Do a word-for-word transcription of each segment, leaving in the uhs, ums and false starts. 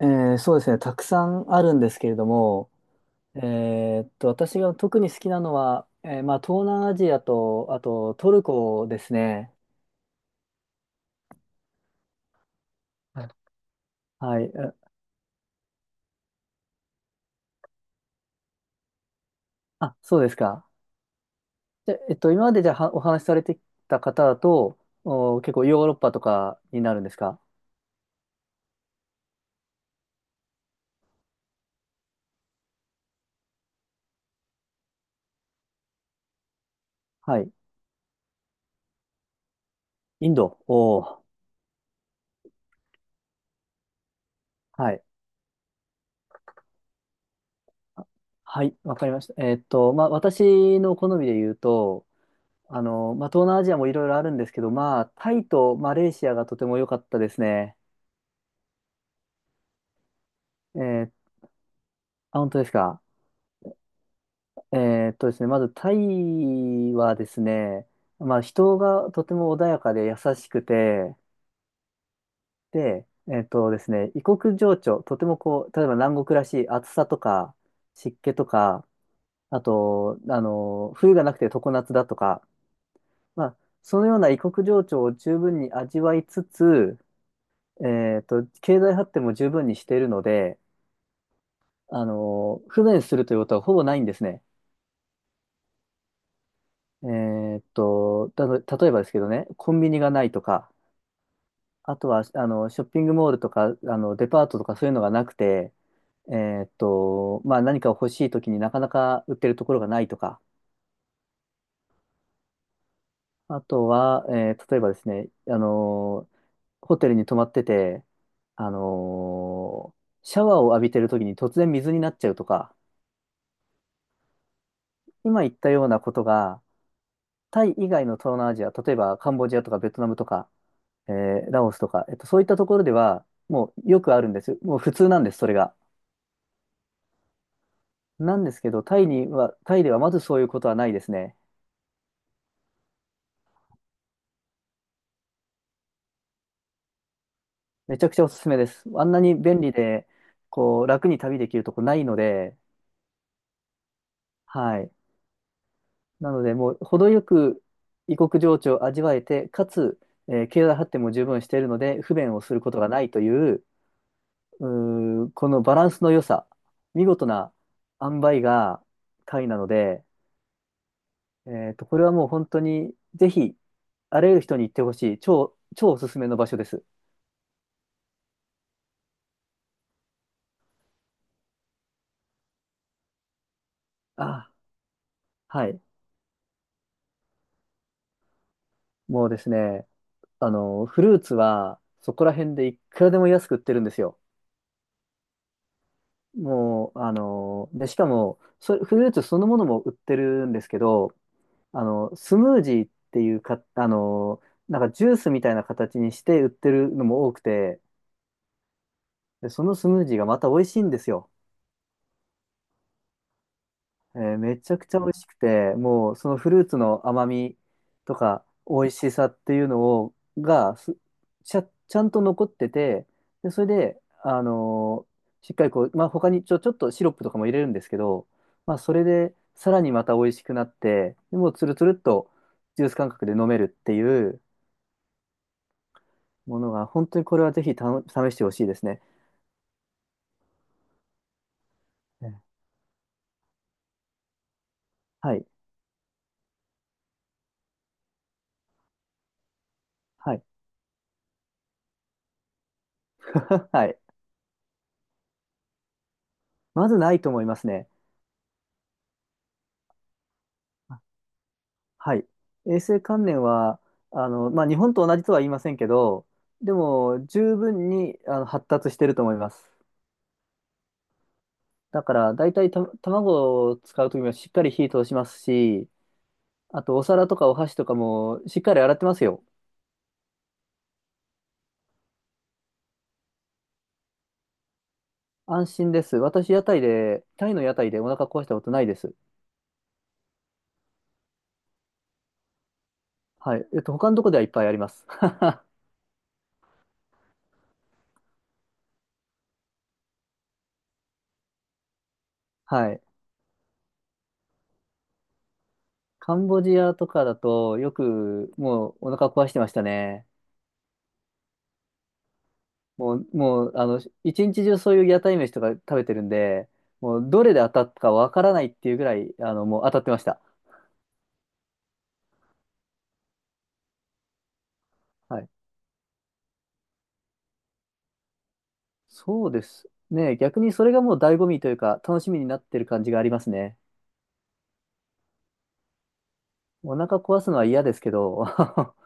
えーそうですね、たくさんあるんですけれども、えーっと、私が特に好きなのは、えーまあ、東南アジアと、あとトルコですね。はいはい。あ、あそうですか。で、えっと、今までじゃあはお話しされてきた方だと、お、結構ヨーロッパとかになるんですか？はい。インド。おーはい。はい、わかりました。えっと、まあ、私の好みで言うと、あの、まあ、東南アジアもいろいろあるんですけど、まあ、タイとマレーシアがとても良かったですね。えあ、本当ですか。えーっとですね、まずタイはですね、まあ人がとても穏やかで優しくて、で、えーっとですね、異国情緒、とてもこう、例えば南国らしい暑さとか湿気とか、あと、あの、冬がなくて常夏だとか、まあ、そのような異国情緒を十分に味わいつつ、えーっと、経済発展も十分にしているので、あの、不便するということはほぼないんですね。えーっと、たと、例えばですけどね、コンビニがないとか、あとは、あの、ショッピングモールとか、あの、デパートとかそういうのがなくて、えーっと、まあ、何かを欲しいときになかなか売ってるところがないとか、あとは、えー例えばですね、あの、ホテルに泊まってて、あの、シャワーを浴びてるときに突然水になっちゃうとか、今言ったようなことが、タイ以外の東南アジア、例えばカンボジアとかベトナムとか、えーラオスとか、えっと、そういったところでは、もうよくあるんですよ。もう普通なんです、それが。なんですけど、タイには、タイではまずそういうことはないですね。めちゃくちゃおすすめです。あんなに便利で、こう、楽に旅できるとこないので、はい。なので、もう、程よく異国情緒を味わえて、かつ、えー経済発展も十分しているので、不便をすることがないという、うーこのバランスの良さ、見事な塩梅がタイなので、えっと、これはもう本当に、ぜひ、あらゆる人に行ってほしい、超、超おすすめの場所です。あ、はい。もうですね、あの、フルーツは、そこら辺でいくらでも安く売ってるんですよ。もう、あの、で、しかも、そ、フルーツそのものも売ってるんですけど、あの、スムージーっていうか、あの、なんかジュースみたいな形にして売ってるのも多くて、で、そのスムージーがまた美味しいんですよ。えーめちゃくちゃ美味しくて、もうそのフルーツの甘みとか美味しさっていうのを、がすちゃ、ちゃんと残ってて、で、それで、あのーしっかりこう、まあ、他にちょ、ちょっとシロップとかも入れるんですけど、まあ、それでさらにまた美味しくなって、でもうつるつるっとジュース感覚で飲めるっていうものが、本当にこれはぜひた試してほしいですね。うんはい。はい。はい。まずないと思いますね。はい。衛生観念は、あの、まあ、日本と同じとは言いませんけど、でも、十分に、あの、発達してると思います。だから、大体た、卵を使うときはしっかり火通しますし、あと、お皿とかお箸とかもしっかり洗ってますよ。安心です。私、屋台で、タイの屋台でお腹壊したことないです。はい。えっと、他のとこではいっぱいあります。はい。カンボジアとかだと、よく、もう、お腹壊してましたね。もう、もう、あの、一日中そういう屋台飯とか食べてるんで、もう、どれで当たったかわからないっていうぐらい、あの、もう当たってました。はい。そうです、ね、逆にそれがもう醍醐味というか、楽しみになってる感じがありますね。お腹壊すのは嫌ですけど、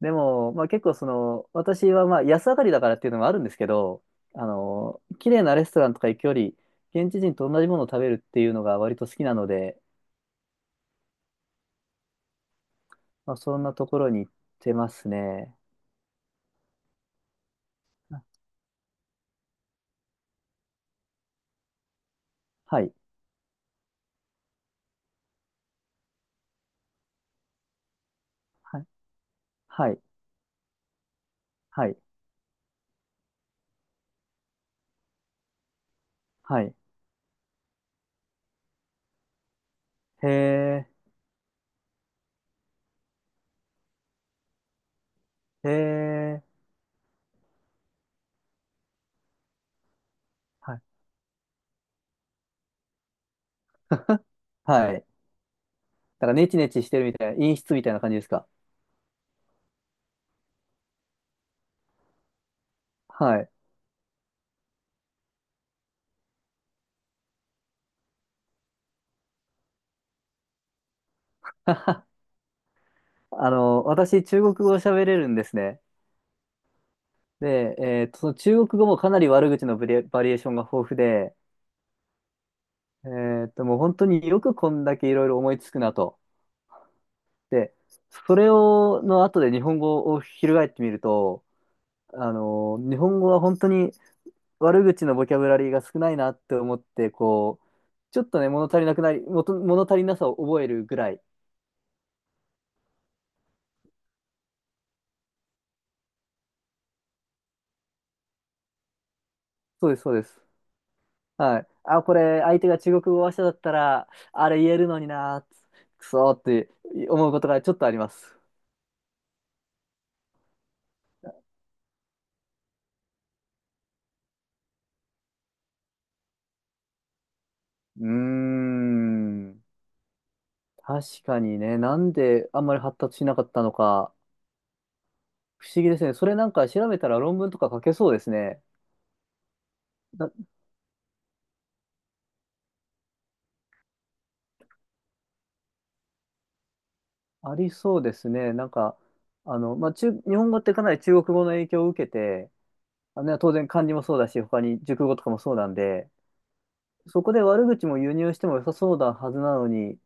でも、まあ結構その、私はまあ安上がりだからっていうのもあるんですけど、あの、綺麗なレストランとか行くより、現地人と同じものを食べるっていうのが割と好きなので、まあそんなところに行ってますね。あはい。はい。はいはい。はい。へえ、へえ、はい。はい。だからネチネチしてるみたいな、陰湿みたいな感じですか？はい。あの、私、中国語を喋れるんですね。で、えっと、その中国語もかなり悪口のブレバリエーションが豊富で、えっと、もう本当によくこんだけいろいろ思いつくなと。で、それを、の後で日本語を翻ってみると、あの、日本語は本当に悪口のボキャブラリーが少ないなって思って、こう、ちょっとね、物足りなくなり、もと物足りなさを覚えるぐらい。そうです、そうです。はい。あ、これ、相手が中国語話者だったら、あれ言えるのにな、くそーって思うことがちょっとあります。うーん。確かにね、なんであんまり発達しなかったのか、不思議ですね。それなんか調べたら論文とか書けそうですね。なありそうですね。なんか、あの、まあ、中、日本語ってかなり中国語の影響を受けて、あのね当然漢字もそうだし、他に熟語とかもそうなんで、そこで悪口も輸入しても良さそうなはずなのに、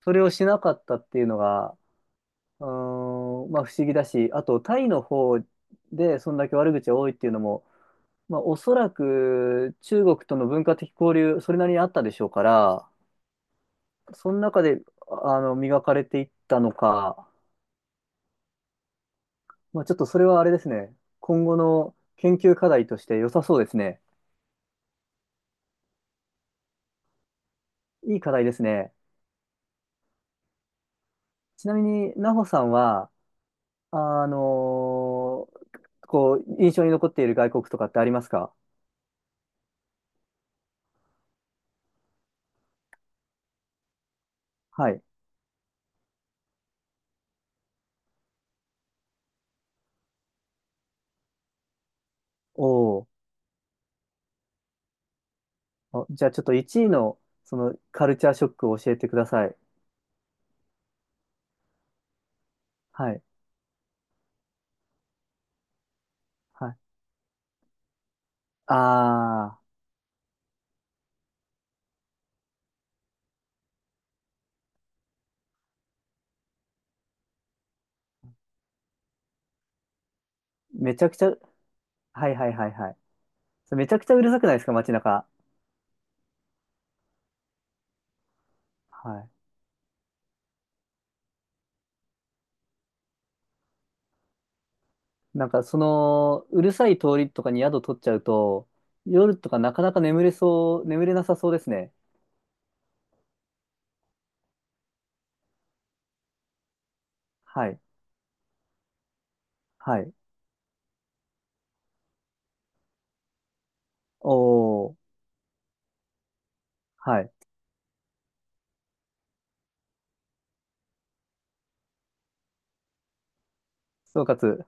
それをしなかったっていうのが、うーん、まあ不思議だし、あとタイの方でそんだけ悪口が多いっていうのも、まあおそらく中国との文化的交流、それなりにあったでしょうから、その中で、あの、磨かれていったのか、まあちょっとそれはあれですね、今後の研究課題として良さそうですね。いい課題ですね。ちなみに、なほさんは、あのーこう、印象に残っている外国とかってありますか？はい。おー。あ、じゃあちょっといちいの、その、カルチャーショックを教えてください。はい。はい。あー、めちゃくちゃ、はいはいはいはい。それめちゃくちゃうるさくないですか、街中。はい。なんか、その、うるさい通りとかに宿取っちゃうと、夜とかなかなか眠れそう、眠れなさそうですね。はい。はい。おー。はい。総括。